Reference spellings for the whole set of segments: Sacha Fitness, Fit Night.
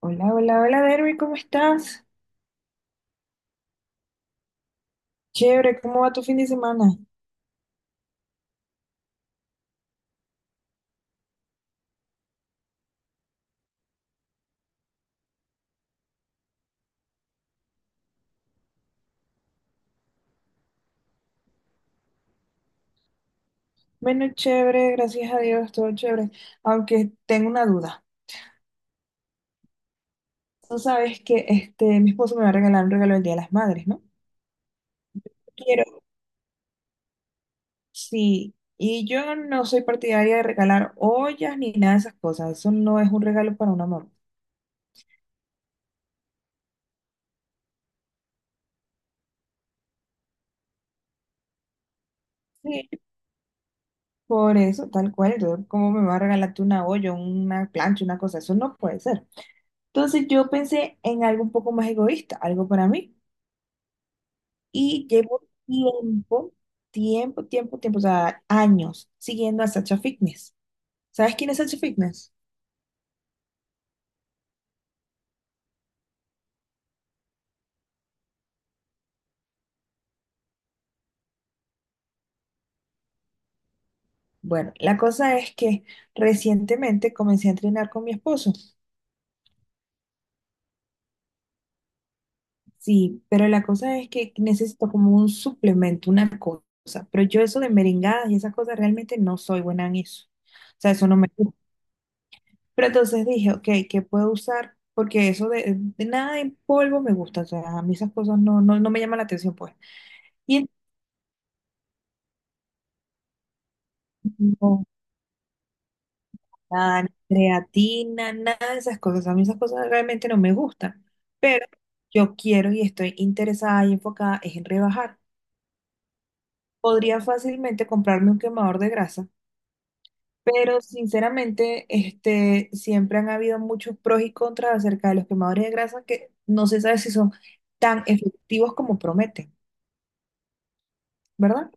Hola, hola, hola, Derby, ¿cómo estás? Chévere, ¿cómo va tu fin de semana? Bueno, chévere, gracias a Dios, todo chévere. Aunque tengo una duda. Tú sabes que mi esposo me va a regalar un regalo el Día de las Madres, ¿no? Quiero, sí. Y yo no soy partidaria de regalar ollas ni nada de esas cosas. Eso no es un regalo para una mamá. Sí, por eso, tal cual. Entonces, ¿cómo me va a regalar tú una olla, una plancha, una cosa? Eso no puede ser. Entonces, yo pensé en algo un poco más egoísta, algo para mí. Y llevo tiempo, tiempo, tiempo, tiempo, o sea, años siguiendo a Sacha Fitness. ¿Sabes quién es Sacha Fitness? Bueno, la cosa es que recientemente comencé a entrenar con mi esposo. Sí, pero la cosa es que necesito como un suplemento, una cosa. Pero yo eso de merengadas y esas cosas realmente no soy buena en eso. O sea, eso no me gusta. Pero entonces dije, ok, ¿qué puedo usar? Porque eso de nada en polvo me gusta. O sea, a mí esas cosas no me llaman la atención, pues. Y entonces, nada, ni creatina, nada de esas cosas. A mí esas cosas realmente no me gustan, pero yo quiero y estoy interesada y enfocada es en rebajar. Podría fácilmente comprarme un quemador de grasa, pero sinceramente, siempre han habido muchos pros y contras acerca de los quemadores de grasa que no se sabe si son tan efectivos como prometen, ¿verdad?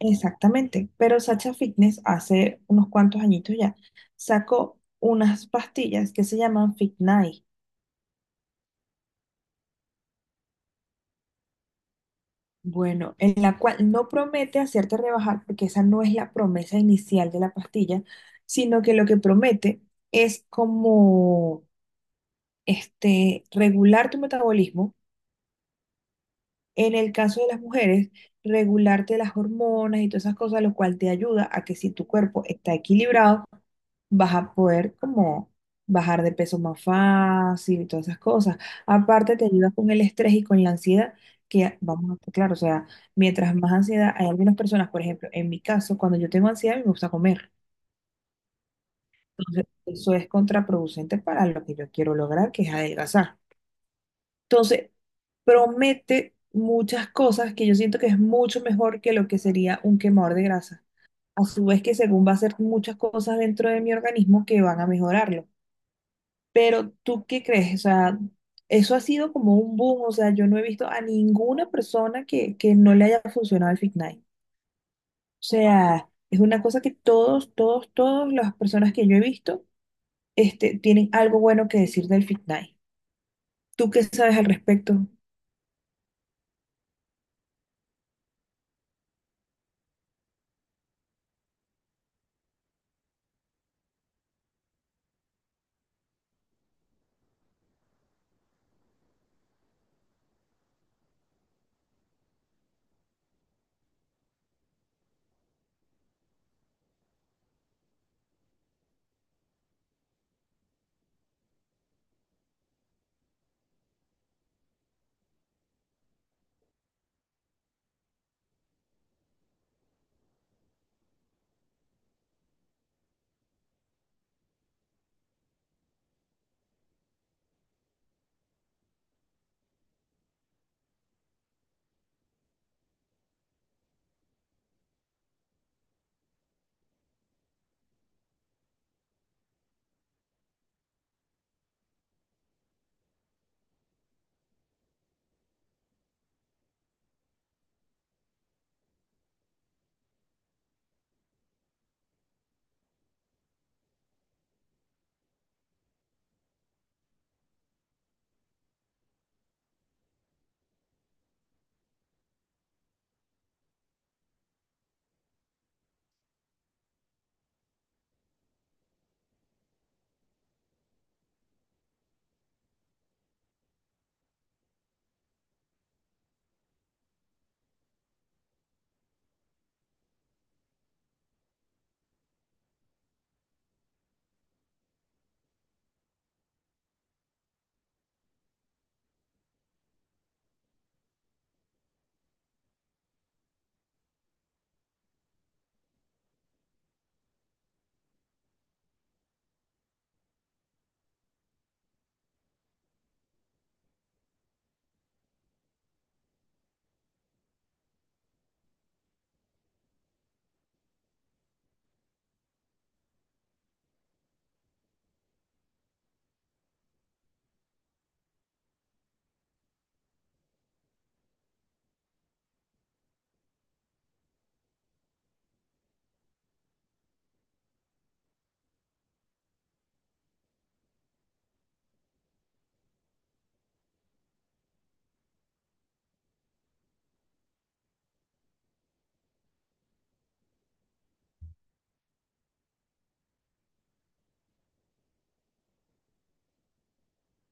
Exactamente, pero Sacha Fitness hace unos cuantos añitos ya sacó unas pastillas que se llaman Fit Night. Bueno, en la cual no promete hacerte rebajar, porque esa no es la promesa inicial de la pastilla, sino que lo que promete es como regular tu metabolismo en el caso de las mujeres, regularte las hormonas y todas esas cosas, lo cual te ayuda a que si tu cuerpo está equilibrado, vas a poder como bajar de peso más fácil y todas esas cosas. Aparte, te ayuda con el estrés y con la ansiedad, que vamos a estar claro, o sea, mientras más ansiedad, hay algunas personas, por ejemplo, en mi caso, cuando yo tengo ansiedad, a mí me gusta comer. Entonces, eso es contraproducente para lo que yo quiero lograr, que es adelgazar. Entonces, promete muchas cosas que yo siento que es mucho mejor que lo que sería un quemador de grasa. A su vez que según va a hacer muchas cosas dentro de mi organismo que van a mejorarlo. Pero ¿tú qué crees? O sea, eso ha sido como un boom. O sea, yo no he visto a ninguna persona que no le haya funcionado el Fitnight. O sea, es una cosa que todos, todos, todas las personas que yo he visto, tienen algo bueno que decir del Fitnight. ¿Tú qué sabes al respecto?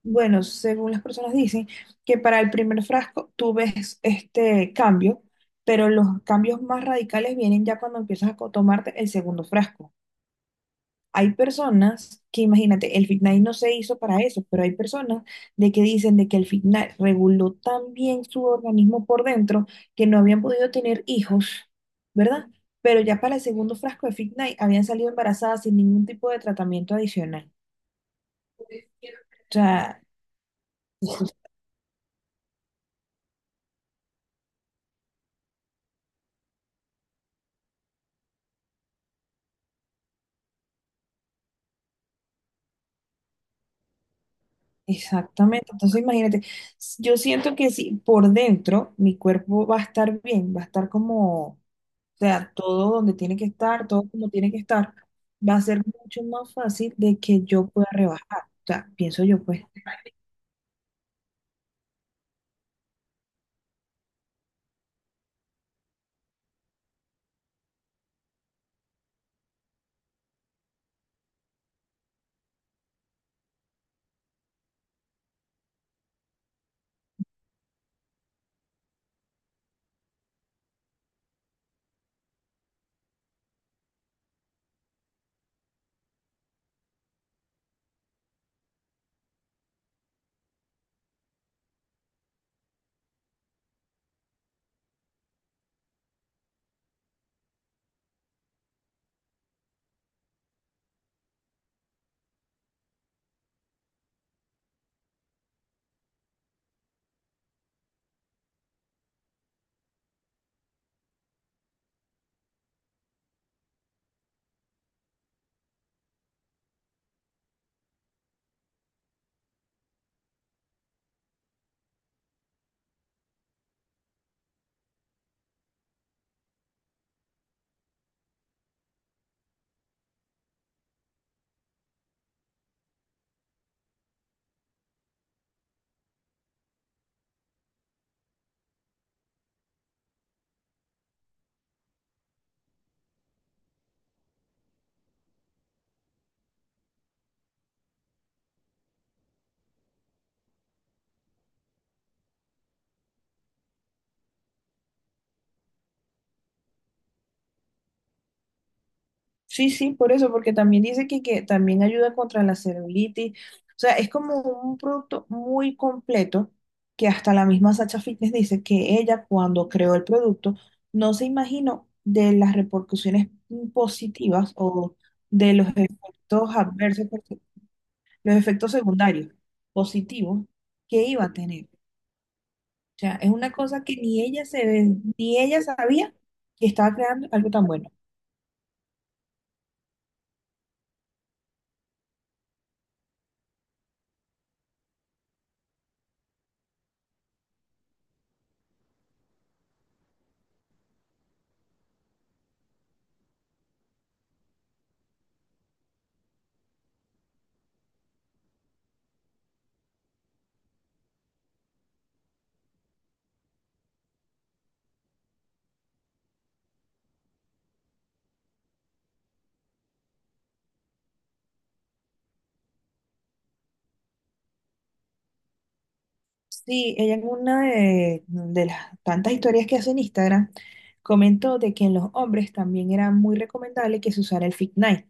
Bueno, según las personas dicen que para el primer frasco tú ves este cambio, pero los cambios más radicales vienen ya cuando empiezas a tomarte el segundo frasco. Hay personas que, imagínate, el Fit no se hizo para eso, pero hay personas de que dicen de que el Fit reguló tan bien su organismo por dentro que no habían podido tener hijos, ¿verdad? Pero ya para el segundo frasco de Fit habían salido embarazadas sin ningún tipo de tratamiento adicional. O sea, exactamente, entonces imagínate, yo siento que si por dentro mi cuerpo va a estar bien, va a estar como, o sea, todo donde tiene que estar, todo como tiene que estar, va a ser mucho más fácil de que yo pueda rebajar, o sea, pienso yo pues. Sí, sí, por eso, porque también dice que también ayuda contra la celulitis. O sea, es como un producto muy completo que hasta la misma Sacha Fitness dice que ella cuando creó el producto no se imaginó de las repercusiones positivas o de los efectos adversos, porque- los efectos secundarios positivos que iba a tener. O sea, es una cosa que ni ella sabía que estaba creando algo tan bueno. Sí, ella en una de las tantas historias que hace en Instagram comentó de que en los hombres también era muy recomendable que se usara el Fit Night.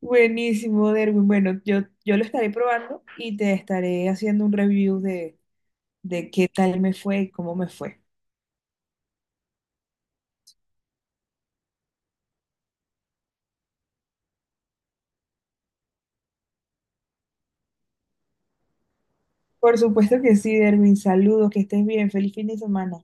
Buenísimo, Derwin. Bueno, yo lo estaré probando y te estaré haciendo un review de qué tal me fue y cómo me fue. Por supuesto que sí, Derwin. Saludos, que estés bien. Feliz fin de semana.